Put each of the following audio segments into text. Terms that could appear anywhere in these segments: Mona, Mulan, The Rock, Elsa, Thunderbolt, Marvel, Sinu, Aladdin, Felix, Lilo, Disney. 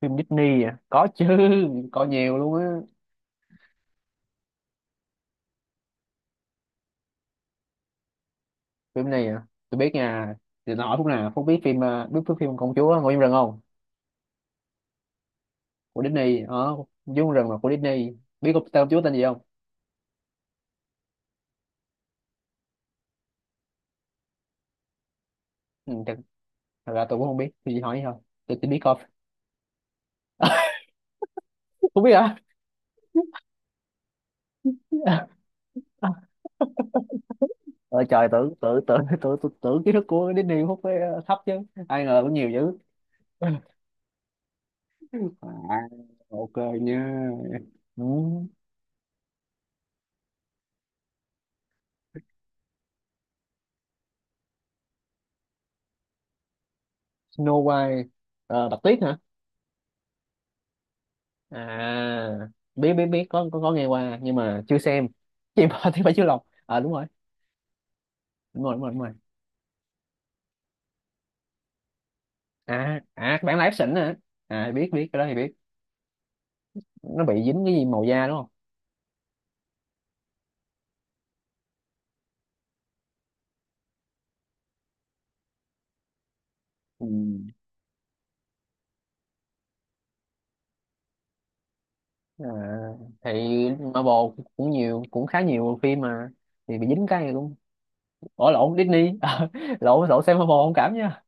Phim Disney à? Có chứ, có nhiều luôn á. Phim này à, tôi biết nha. Thì nó hỏi phút nào Phúc biết phim à, biết phim phim công chúa Ngồi trong rừng không. Của Disney. Ờ Công chúa rừng là của Disney. Biết tên công chúa tên gì không? ừ, thật, Thật ra tôi cũng không biết, tôi chỉ hỏi vậy thôi. Tôi chỉ biết coi. Không biết hả? Ờ Trời, tưởng tưởng tưởng tưởng tưởng, tưởng kiến thức của Disney Phúc phải thấp chứ, ai ngờ cũng nhiều dữ. À, ok nha. Ừ. Snow White. Ờ, Bạch Tuyết hả? À, biết biết biết có nghe qua nhưng mà chưa xem. Chị bò thì phải chưa lọc, à đúng rồi đúng rồi. À à, các bạn là ép hả? À, biết biết cái đó thì biết. Nó bị dính cái gì màu da đúng không? Ừ. À, thì Marvel cũng nhiều, cũng khá nhiều phim mà thì bị dính cái này cũng... Ủa lộn, Disney. Ờ, lộn lộn xem Marvel không cảm nha.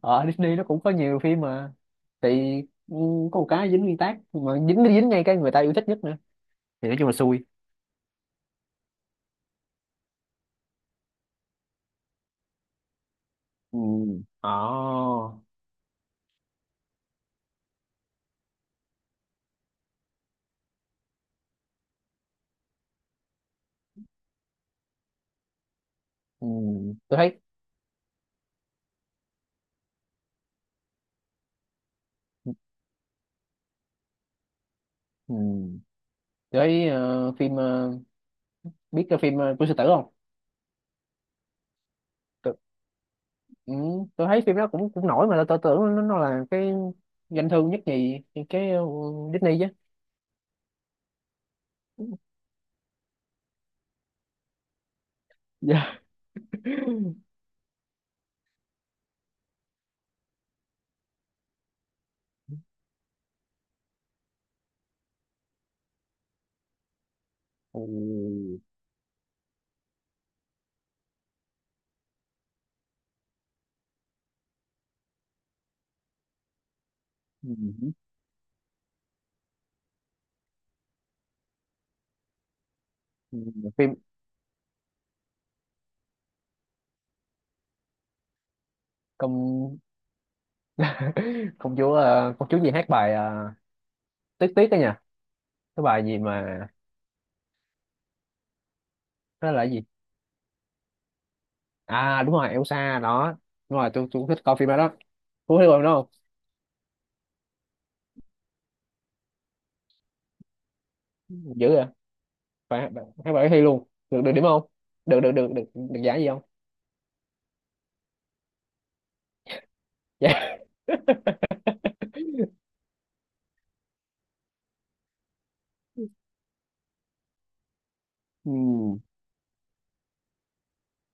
Ờ Disney nó cũng có nhiều phim mà thì, ừ, có một cái dính nguyên tác mà dính dính ngay cái người ta yêu thích nhất nữa, thì nói chung là xui. Ừ. Ồ. Ừ, tôi thấy, ừ, tôi thấy ờ, phim ờ, biết cái phim của sư tử không? tôi, ừ, tôi thấy phim đó cũng cũng nổi mà tôi tưởng nó là cái doanh thu nhất nhì cái Disney chứ. Dạ. Ừ. Ừ. Ừ, phim công. Công chúa công chúa gì hát bài tiếc tiếc đó nha, cái bài gì mà... Nó là cái gì? À đúng rồi, Elsa đó. Đúng rồi, tôi cũng thích coi phim đó đó. Cô thấy coi phim đó không? Dữ vậy. Phải, tháng bảy thi luôn. Được được điểm không? Được được được được được giải gì không? Dạ. Ừ.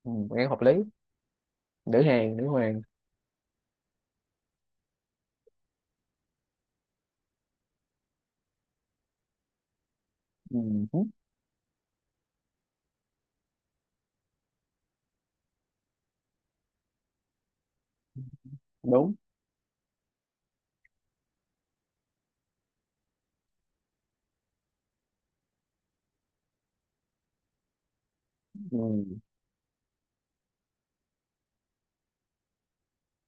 Ừ, nghe hợp lý. Nữ hoàng. Ừ, đúng. Ừ.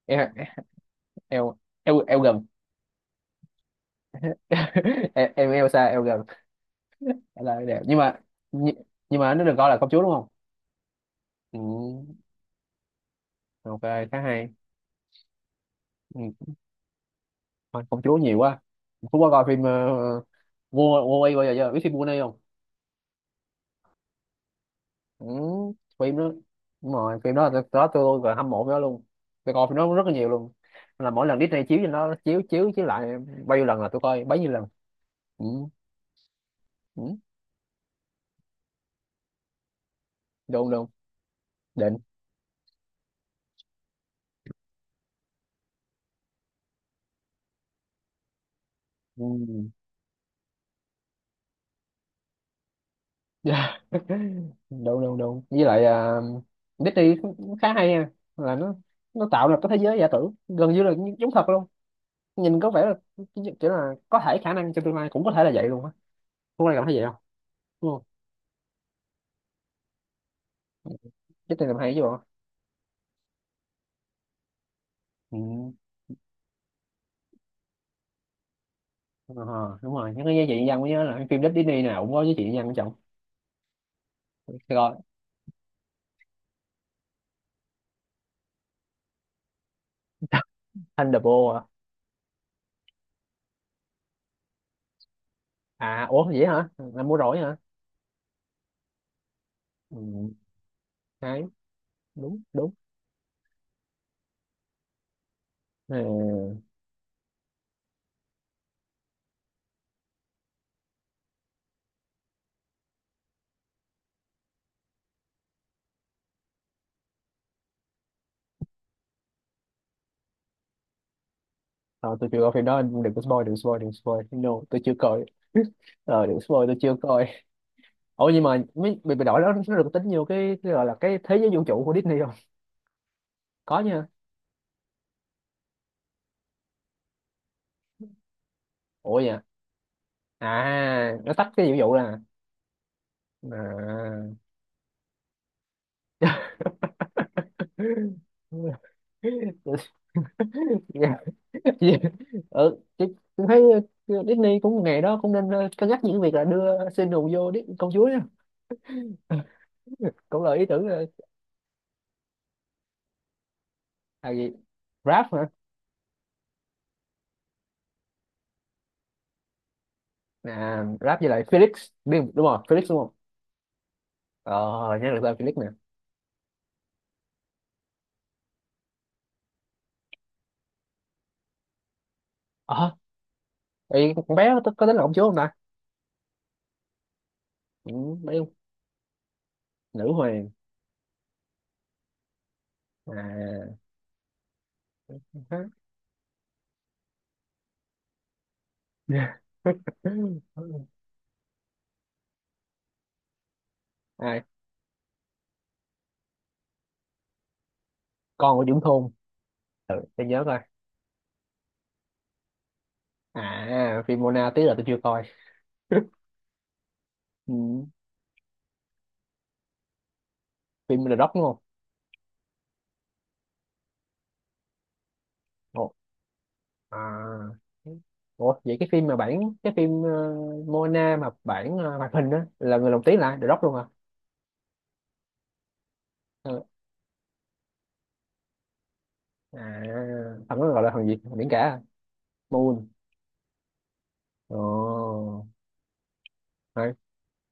Em eo, em gần. Em eo xa eo gần. Trả đẹp nhưng mà, nhưng, nhưng mà nó được gọi là công chúa đúng không? Ừ, ok, khá hay. Ừ, thôi, công chúa nhiều quá. Phú có coi phim vua vua Quay bao giờ chưa, biết phim vua này không? Ừ, phim đó, đúng rồi phim đó, tôi luôn rồi, hâm mộ phim đó luôn. Tôi coi phim đó rất là nhiều luôn, là mỗi lần Disney chiếu trên, nó chiếu chiếu chiếu lại bao nhiêu lần là tôi coi bấy nhiêu lần. Ừ. Ừ. Đúng đúng. Định. Ừ. Dạ. Đúng đúng đúng với lại à, Disney cũng khá hay nha, là nó tạo ra cái thế giới giả tưởng gần như là như- giống thật luôn, nhìn có vẻ là kiểu là có thể khả năng trong tương lai cũng có thể là vậy luôn á. Phú Lan cảm thấy vậy không? Đúng không? Disney làm hay chứ bộ. Ừ. Ờ, đúng rồi, nhắc đến giá trị nhân dân mới nhớ là cái phim Disney nào cũng có giá trị nhân dân của chồng. Rồi. Thunderbolt à? À ủa vậy hả? Anh mua rồi hả? Ừ, đấy. Đúng đúng. Ừ. Ờ, tôi chưa coi phim đó, anh đừng có spoil, đừng spoil no, tôi chưa coi. Ờ đừng spoil, tôi chưa coi. Ủa nhưng mà mấy bị đổi đó, nó được tính nhiều cái, gọi là cái thế giới vũ trụ của Disney không? Có nha. Ủa vậy à? À, nó tách cái vũ trụ là... À. ừ, chị, chị thấy Disney cũng ngày đó cũng nên cân nhắc những việc là đưa Sinu vô Dis công chúa nhá. Cũng là ý tưởng là gì? Rap hả? À, rap với lại Felix. Biết, đúng rồi Felix đúng không. Ờ, nhớ được tên Felix nè. Ờ, thì con bé có tính là công chúa không ta? Ừ, bé, nữ hoàng. À. À, con của Dũng Thôn. Ừ, để nhớ coi. À phim Mona tí là tôi chưa coi. Ừ, phim The Rock đúng không? À, ủa vậy cái phim mà bản cái phim Mona mà bản hoạt hình á, là người lồng tiếng là ai? The Rock luôn à? Ờ. À. Thằng đó gọi là thằng gì, thằng biển cả à? Moon. Ồ, hay.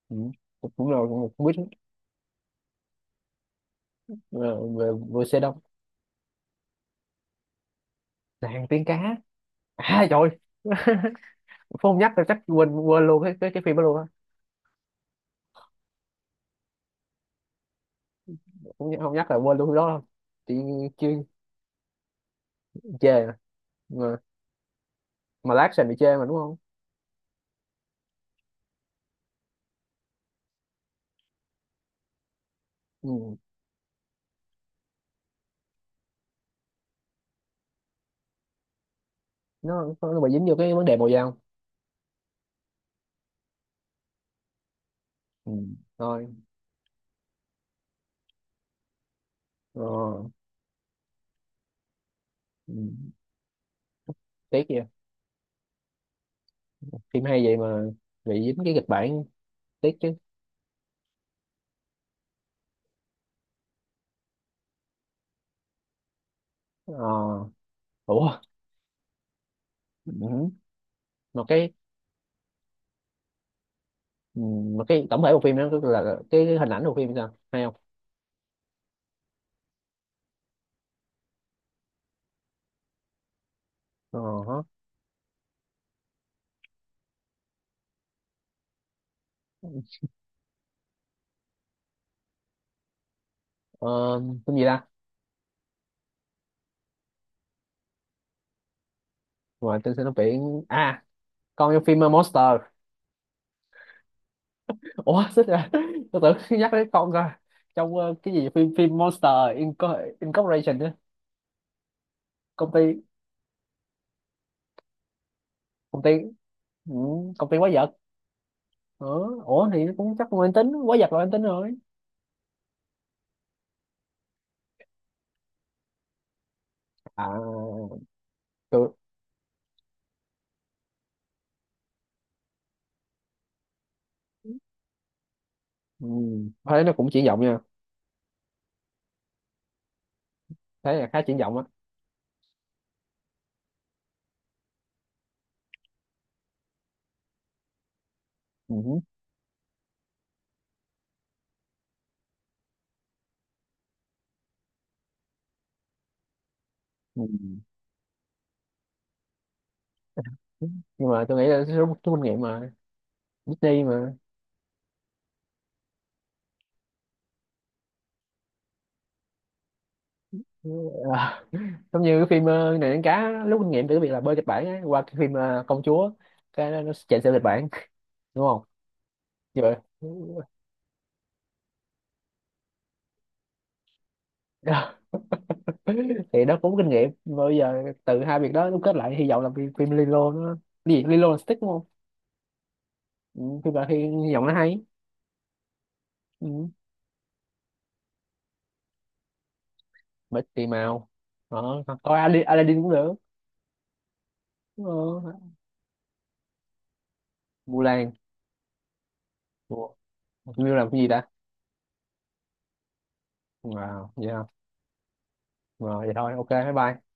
Ừ. cũng cũng là cũng cũng biết. Ờ, về Về xe đông. Nàng tiếng cá. À trời. Phú không nhắc là chắc quên quên luôn cái phim đó luôn á. Không, nhắc- không nhắc là quên luôn cái đó luôn. Chị chưa chê mà. mà, mà lát sẽ bị chê mà đúng không? Ừ. Nó bị dính vô cái vấn đề màu da không? Ừ. Thôi. Ờ. Ừ, tiếc vậy, phim hay vậy mà bị dính cái kịch bản, tiếc chứ. Ờ. Ủa. Ừ. Một cái... Ừ, một cái tổng thể bộ phim đó, tức là cái hình ảnh bộ phim sao hay không? Ờ. Hả. Ờ, phim gì ta? Ngoài tên sinh nó biển à, con trong phim Monster. Ủa xích ra. Tôi tưởng nhắc đến con rồi, trong cái gì phim phim Monster Inco- Incorporation á. Công ty. Công ty. Ừ, công ty quái vật. Ờ, ủa thì nó cũng chắc là mang tính quái vật, là mang tính rồi. À. Tôi. Ừ. Thấy nó cũng triển vọng nha. Thấy là khá triển vọng á. Ừ. Ừ. Nhưng mà tôi nghĩ là số kinh nghiệm mà Disney mà... À, giống như cái phim này đánh cá lúc kinh nghiệm từ cái việc là bơi kịch bản á, qua cái phim công chúa, cái nó chạy theo kịch bản đúng không, như vậy. Thì nó cũng kinh nghiệm mà, bây giờ từ hai việc đó đúc kết lại hy vọng là phim Lilo nó... Cái gì Lilo là stick đúng không? Ừ, phim là hy vọng nó hay. Ừ. Bởi tùy màu. Đó, coi Aladdin, Aladdin cũng được. Ờ, Mulan. Ủa, Miu làm cái gì ta? Wow, vậy không? Rồi, vậy thôi, ok, bye bye.